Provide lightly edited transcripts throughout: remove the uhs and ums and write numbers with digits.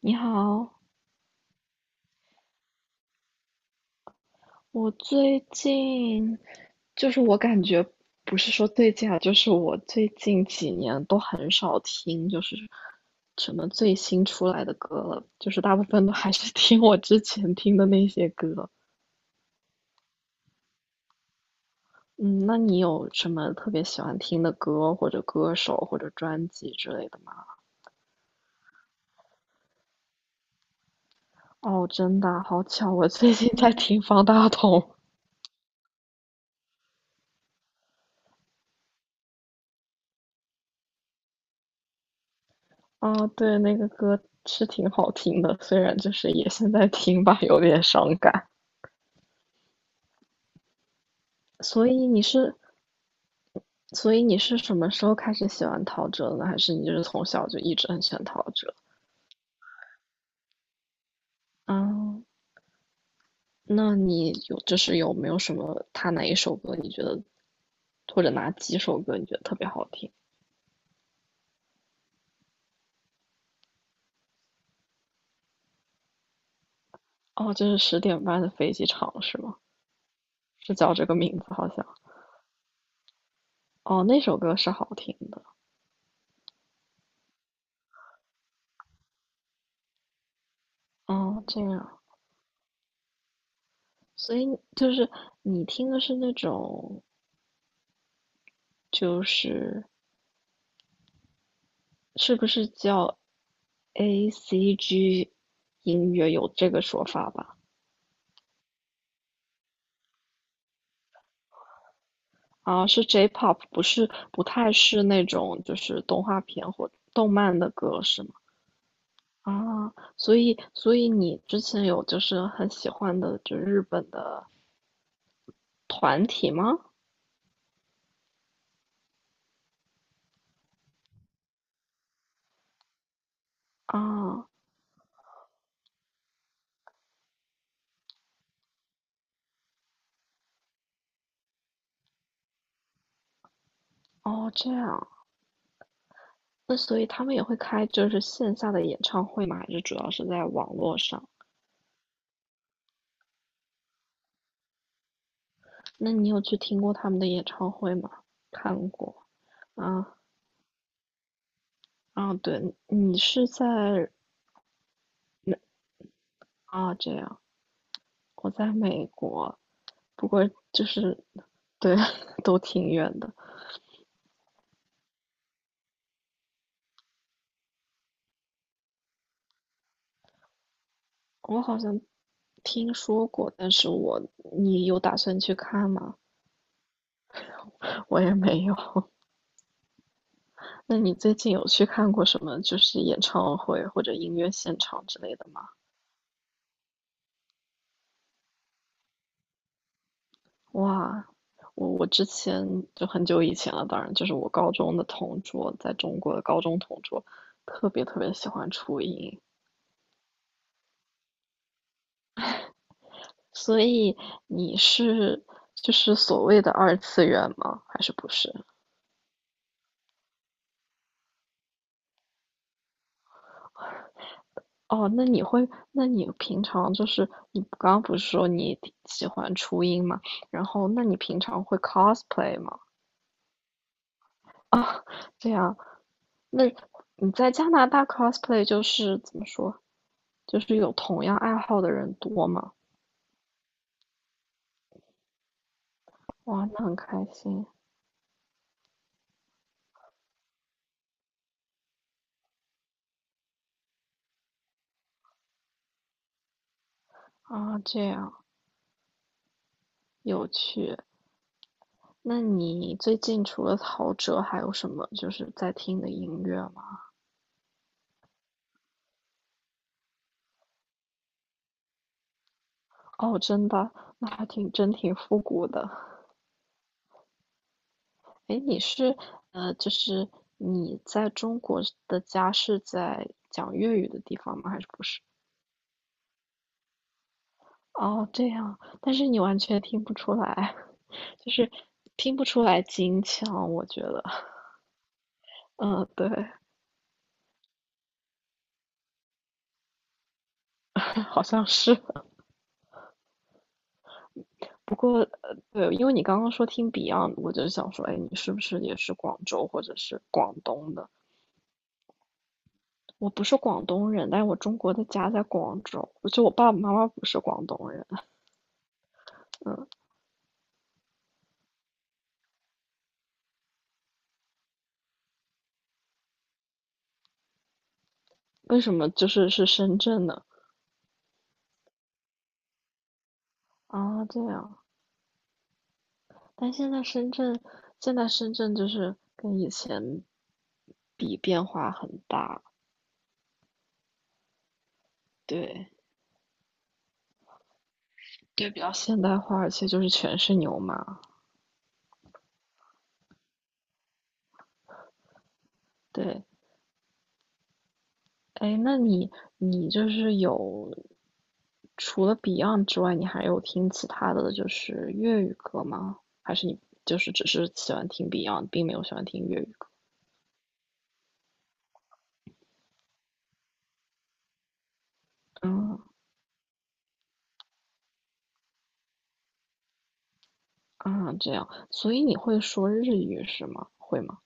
你好，我最近就是我感觉不是说最近啊，就是我最近几年都很少听，就是什么最新出来的歌了，就是大部分都还是听我之前听的那些歌。嗯，那你有什么特别喜欢听的歌，或者歌手，或者专辑之类的吗？哦，真的啊好巧，我最近在听方大同 啊，对，那个歌是挺好听的，虽然就是也现在听吧，有点伤感。所以你是，所以你是什么时候开始喜欢陶喆的呢？还是你就是从小就一直很喜欢陶喆？啊，那就是有没有什么他哪一首歌你觉得，或者哪几首歌你觉得特别好听？哦，就是十点半的飞机场是吗？是叫这个名字好像。哦，那首歌是好听的。哦，这样，所以就是你听的是那种就是是不是叫 ACG 音乐有这个说法吧？啊，是 J-pop，不太是那种就是动画片或动漫的歌是吗？啊，所以你之前有就是很喜欢的就日本的团体吗？啊，哦这样，那所以他们也会开就是线下的演唱会吗？还是主要是在网络上？那你有去听过他们的演唱会吗？看过啊，啊，对，你是在啊，这样，我在美国，不过就是，对，都挺远的。我好像听说过，但是我，你有打算去看吗？我也没有。那你最近有去看过什么，就是演唱会或者音乐现场之类的吗？哇，我之前就很久以前了，当然就是我高中的同桌，在中国的高中同桌，特别特别喜欢初音。所以你是就是所谓的二次元吗？还是不是？哦，那你会，那你平常就是你刚刚不是说你挺喜欢初音吗？然后，那你平常会 cosplay 吗？这样，那你在加拿大 cosplay 就是怎么说？就是有同样爱好的人多吗？哇，那很开心啊，这样有趣。那你最近除了陶喆，还有什么就是在听的音乐吗？哦，真的，那还挺挺复古的。诶，你是就是你在中国的家是在讲粤语的地方吗？还是不是？哦，这样，但是你完全听不出来，就是听不出来京腔，我觉得，嗯，对，好像是。不过，对，因为你刚刚说听 Beyond，我就想说，哎，你是不是也是广州或者是广东的？我不是广东人，但是我中国的家在广州，就我爸爸妈妈不是广东人。为什么就是是深圳呢？啊，这样，但现在深圳就是跟以前比变化很大，对就比较现代化，而且就是全是牛马，对。哎，那你就是有除了 Beyond 之外，你还有听其他的就是粤语歌吗？还是你就是只是喜欢听 Beyond，并没有喜欢听粤语歌？嗯啊，这样，所以你会说日语是吗？会吗？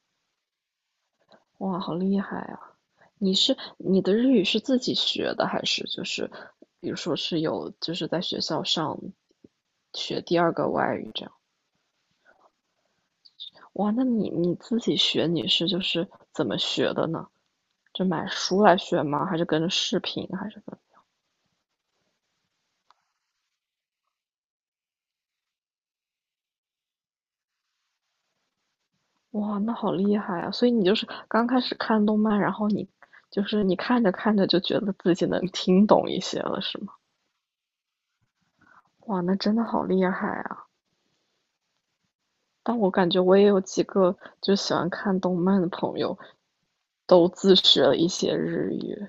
哇，好厉害啊！你的日语是自己学的，还是就是比如说是有就是在学校上学第二个外语这样？哇，那你自己学你是就是怎么学的呢？就买书来学吗？还是跟着视频？还是跟？哇，那好厉害啊！所以你就是刚开始看动漫，然后你就是你看着看着就觉得自己能听懂一些了，是吗？哇，那真的好厉害啊！但我感觉我也有几个就喜欢看动漫的朋友，都自学了一些日语。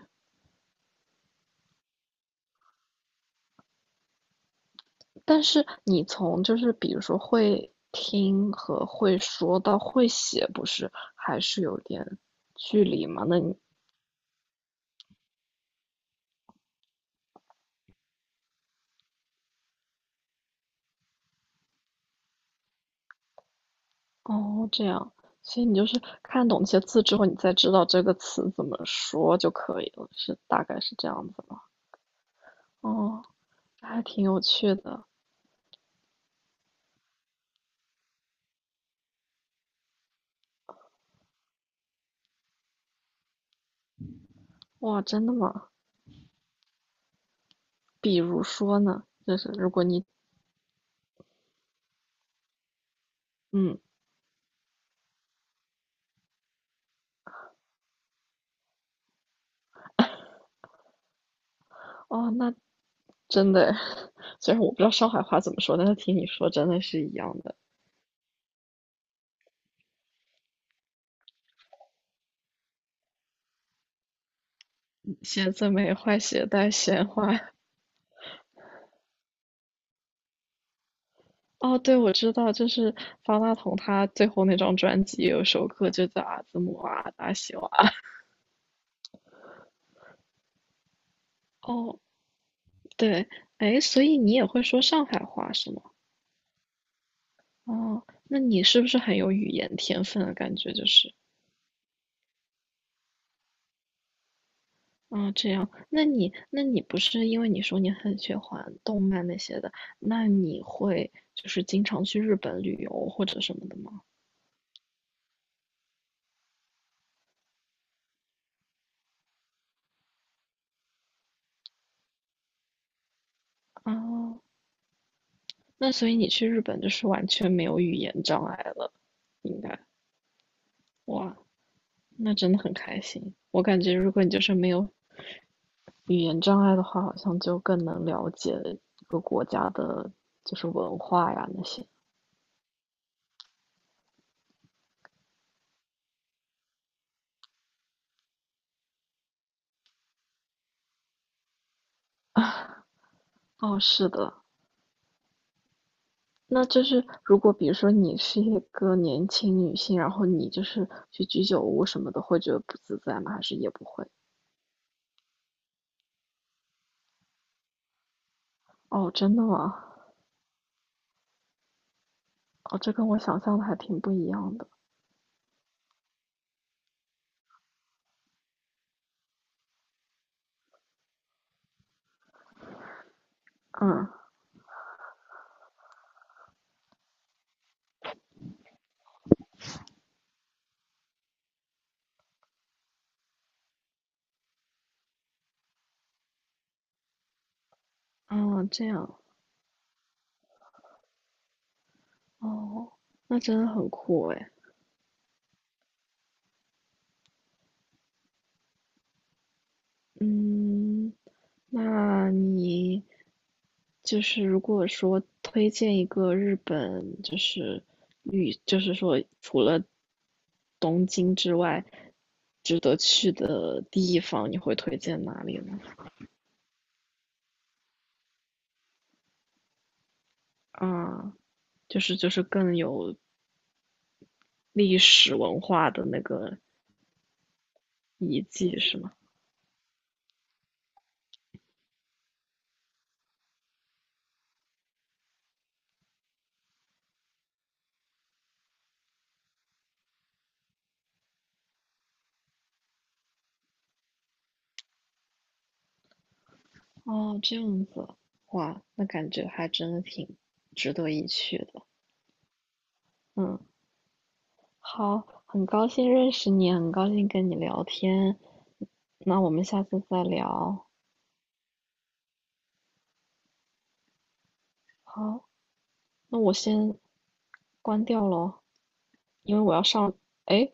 但是你从就是比如说会听和会说到会写，不是还是有点距离吗？哦这样，所以你就是看懂那些字之后，你再知道这个词怎么说就可以了，是大概是这样子吧。哦，还挺有趣的。哇，真的吗？比如说呢，就是如果你嗯。哦，那真的，虽然我不知道上海话怎么说，但是听你说真的是一样的。鞋子没坏，鞋带先坏。哦，对，我知道，就是方大同他最后那张专辑有首歌就叫《阿兹姆啊达西瓦》。哦，对，哎，所以你也会说上海话是吗？哦，那你是不是很有语言天分的感觉？就是，啊、这样，那你不是因为你说你很喜欢动漫那些的，那你会就是经常去日本旅游或者什么的吗？哦，那所以你去日本就是完全没有语言障碍了，应该，哇，那真的很开心。我感觉如果你就是没有语言障碍的话，好像就更能了解一个国家的，就是文化呀那些。哦，是的，那就是如果比如说你是一个年轻女性，然后你就是去居酒屋什么的，会觉得不自在吗？还是也不会？哦，真的吗？哦，这跟我想象的还挺不一样的。嗯嗯，这样。哦，那真的很酷诶。嗯，那你就是如果说推荐一个日本，就是就是说除了东京之外，值得去的地方，你会推荐哪里呢？啊，就是更有历史文化的那个遗迹是吗？哦，这样子，哇，那感觉还真的挺值得一去的。嗯。好，很高兴认识你，很高兴跟你聊天。那我们下次再聊。好，那我先关掉喽，因为我要上。哎，